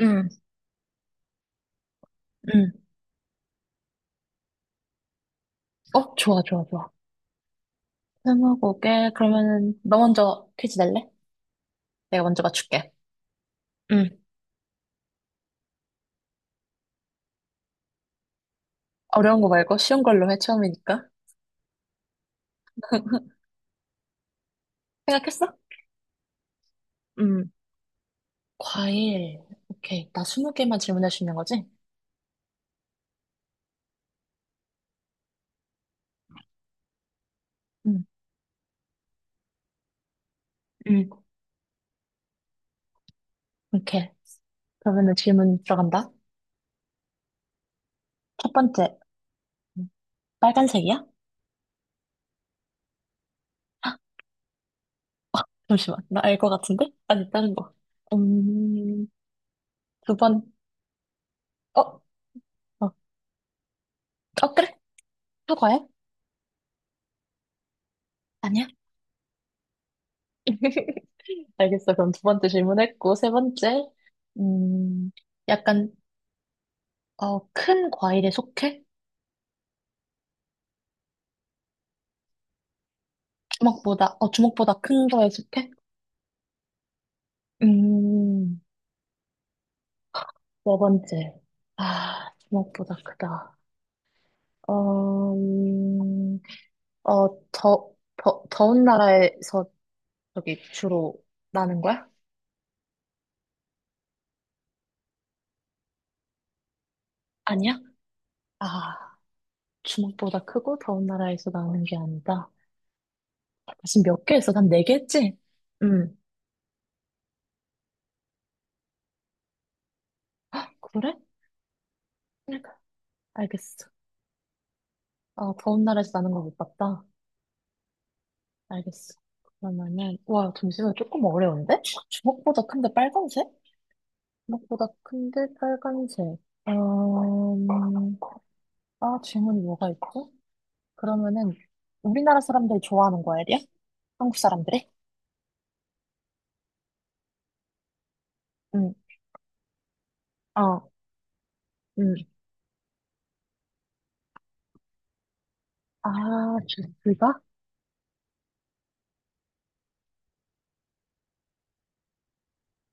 응, 응. 어, 좋아, 좋아, 좋아. 스무고개, 그러면은, 너 먼저 퀴즈 낼래? 내가 먼저 맞출게. 응. 어려운 거 말고 쉬운 걸로 해, 처음이니까. 생각했어? 응. 과일. 오케이. 나 스무 개만 질문할 수 있는 거지? 응, 응. 오케이. 그러면은 질문 들어간다. 첫 번째. 음, 빨간색이야? 헉, 잠시만. 나 알 것 같은데? 아니, 다른 거. 음, 두 번. 어, 어, 어, 그래? 사과야? 아니야? 알겠어. 그럼 두 번째 질문했고, 세 번째, 음, 약간, 큰 과일에 속해? 주먹보다 큰 거에 속해? 음, 네 번째. 아, 주먹보다 크다. 어, 음, 어, 더, 더운 나라에서 저기 주로 나는 거야? 아니야? 아, 주먹보다 크고 더운 나라에서 나는 게 아니다. 지금 몇 개 했어? 난 네 개 했지? 응. 그래? 알겠어. 아, 더운 나라에서 나는 걸 못 봤다. 알겠어. 그러면은, 와, 잠시만, 조금 어려운데? 주먹보다 큰데 빨간색? 주먹보다 큰데 빨간색. 음, 아, 질문이 뭐가 있지? 그러면은, 우리나라 사람들이 좋아하는 과일이야? 한국 사람들이? 응, 어, 응. 아, 주스가?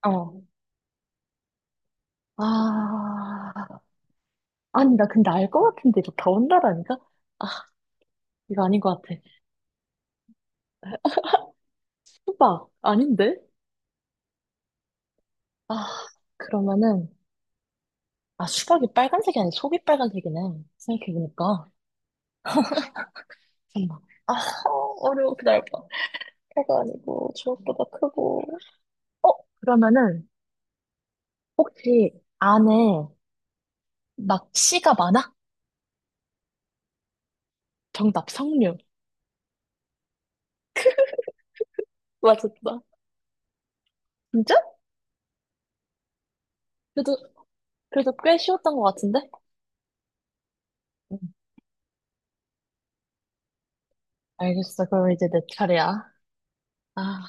어. 아, 아니, 나 근데 알 것 같은데, 이거 더운 나라니까? 아, 이거 아닌 것 같아. 수박, 아닌데? 아, 그러면은, 아, 수박이 빨간색이 아니라 속이 빨간색이네. 생각해보니까. 잠깐만. 아, 어려워. 기다려봐. 해가 아니고, 주먹보다 크고. 어, 그러면은, 혹시 안에 막 씨가 많아? 정답, 석류. 맞았다. 진짜? 그래도, 그래도 꽤 쉬웠던 것 같은데? 음, 알겠어. 그럼 이제 내 차례야. 아,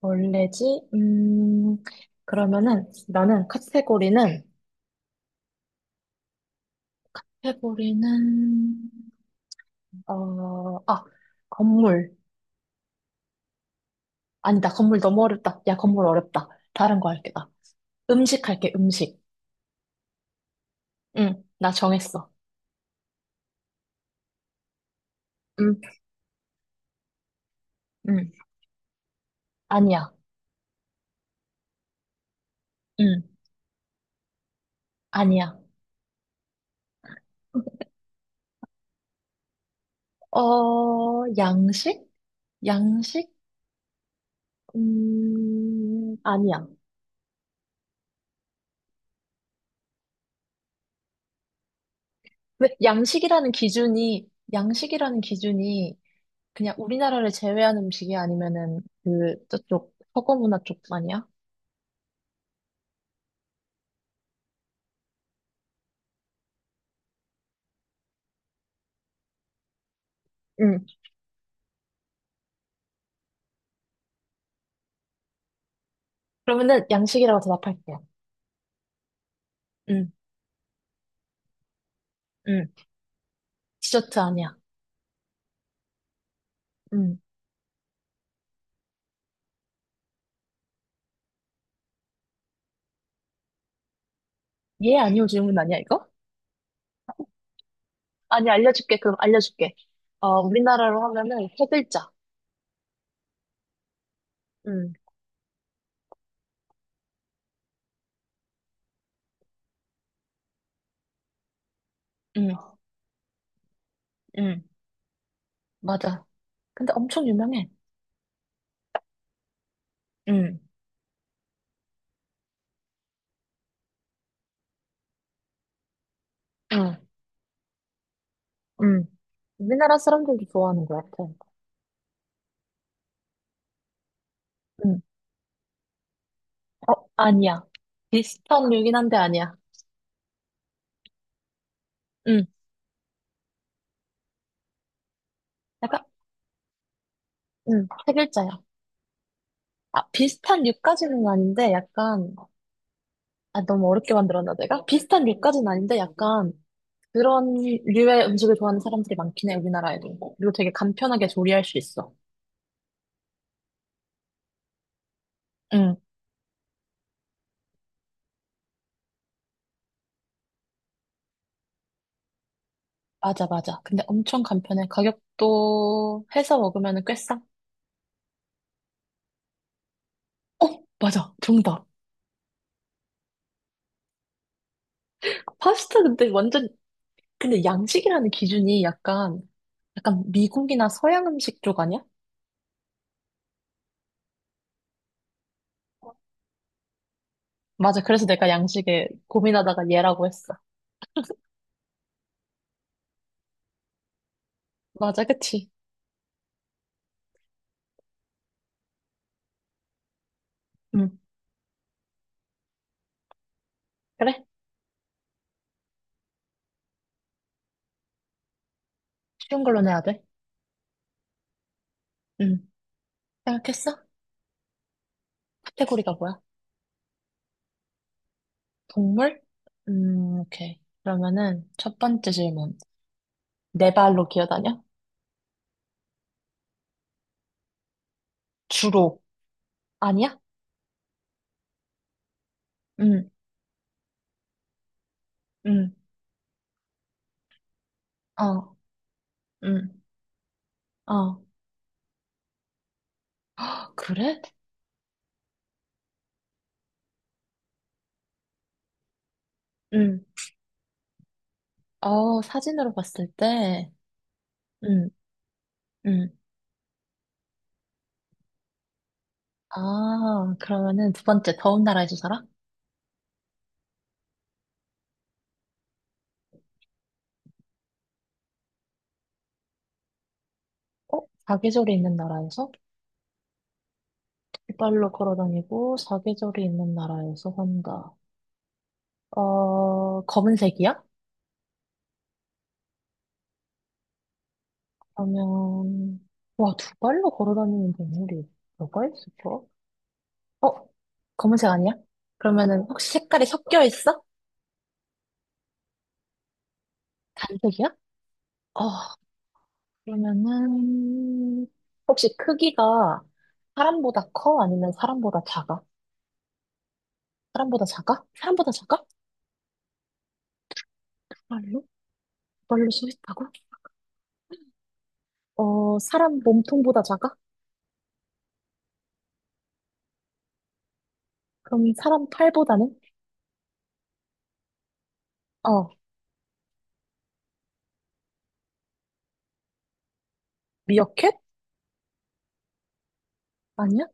원래지? 음, 그러면은, 나는 카테고리는, 카테고리는, 아, 건물. 아니다, 건물 너무 어렵다. 야, 건물 어렵다. 다른 거 할게, 나. 음식 할게, 음식. 응, 나 정했어. 음, 응, 아니야. 응, 아니야. 어, 양식? 양식? 아니야. 왜, 양식이라는 기준이, 양식이라는 기준이 그냥 우리나라를 제외한 음식이 아니면은 그, 저쪽, 서구 문화 쪽 아니야? 음. 그러면은 양식이라고 대답할게요. 응, 응. 디저트 아니야. 응. 예, 아니요 질문 아니야, 이거? 아니, 알려줄게. 그럼 알려줄게. 우리나라로 하면은 세 글자. 응, 응, 응, 맞아. 근데 엄청 유명해. 응, 응. 응, 우리나라 사람들도 좋아하는 것 같아. 응. 아니야. 비슷한 류긴 한데 아니야. 응. 약간, 응, 세 글자야. 아, 비슷한 류까지는 아닌데 약간, 아, 너무 어렵게 만들었나 내가? 비슷한 류까지는 아닌데 약간 그런 류의 음식을 좋아하는 사람들이 많긴 해, 우리나라에도. 그리고 되게 간편하게 조리할 수 있어. 맞아, 맞아. 근데 엄청 간편해. 가격도 해서 먹으면 꽤 싸. 어, 맞아. 정답. 파스타 근데 완전, 근데 양식이라는 기준이 약간 미국이나 서양 음식 쪽 아니야? 맞아. 그래서 내가 양식에 고민하다가 얘라고 했어. 맞아, 그치? 응. 그래? 쉬운 걸로 내야 돼. 응. 생각했어? 카테고리가 뭐야? 동물? 오케이. 그러면은 첫 번째 질문. 네 발로 기어다녀? 주로. 아니야? 응, 응, 어, 응. 어, 아, 그래? 응 어, 사진으로 봤을 때, 응 응 아, 그러면은 두 번째, 더운 나라에서 살아? 어? 사계절이 있는 나라에서? 발로 걸어 다니고, 사계절이 있는 나라에서 산다. 검은색이야? 그러면, 와, 두 발로 걸어 다니는 동물이 뭐가 있을까? 어? 검은색 아니야? 그러면은 혹시 색깔이 섞여 있어? 단색이야? 어, 그러면은, 혹시 크기가 사람보다 커? 아니면 사람보다 작아? 사람보다 작아? 사람보다 작아? 발로 발로 서 있다고? 사람 몸통보다 작아? 그럼 사람 팔보다는? 어, 미어캣? 아니야?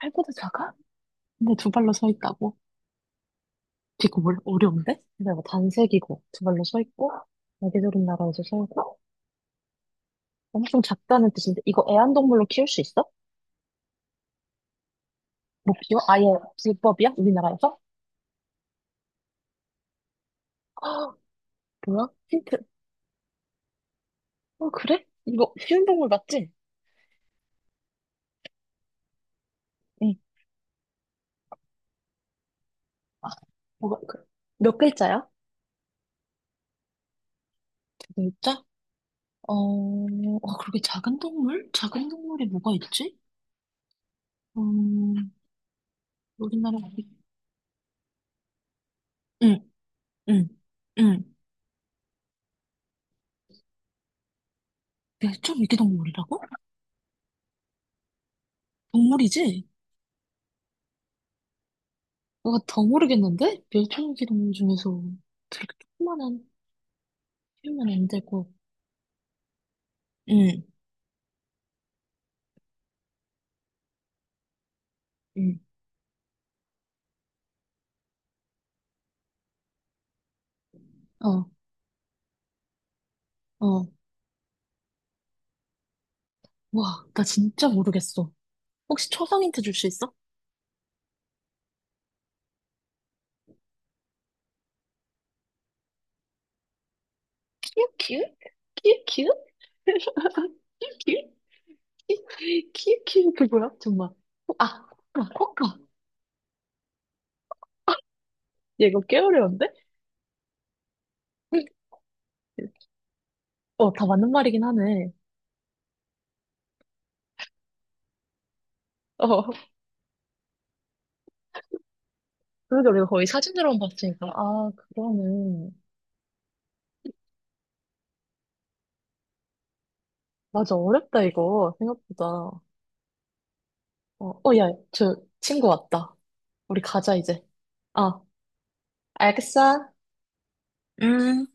팔보다 작아? 근데 두 발로 서 있다고? 이거 뭘 어려운데? 근데 뭐 단색이고 두 발로 서 있고 날개조른 나라에서 살고 엄청 작다는 뜻인데 이거 애완동물로 키울 수 있어? 못 키워? 아예 불법이야? 우리나라에서? 아, 뭐야? 힌트 어, 그래? 이거 쉬운 동물 맞지? 응. 아, 뭐가, 그, 몇 글자야? 글자? 아, 그렇게 작은 동물? 작은 동물이 뭐가 있지? 음, 우리나라 어디? 응, 응, 응. 멸종위기 동물이라고? 동물이지? 뭐거더 모르겠는데? 멸종위기 동물 중에서 그렇게 조그만한 키우면 안 되고. 응, 응. 어, 어. 와, 나 진짜 모르겠어. 혹시 초성 힌트 줄 수 있어? 키읔, 키읔? 키읔, 키읔? 키읔? 키, 키, 키, 그 뭐야? 정말. 아, 코카, 코카. 얘 이거 꽤 어려운데? 다 맞는 말이긴 하네. 어, 그래도 우리가 거의 사진으로만 봤으니까. 아, 그러네. 맞아, 어렵다, 이거. 생각보다. 어, 어, 야, 저 친구 왔다. 우리 가자, 이제. 어, 알겠어. 음.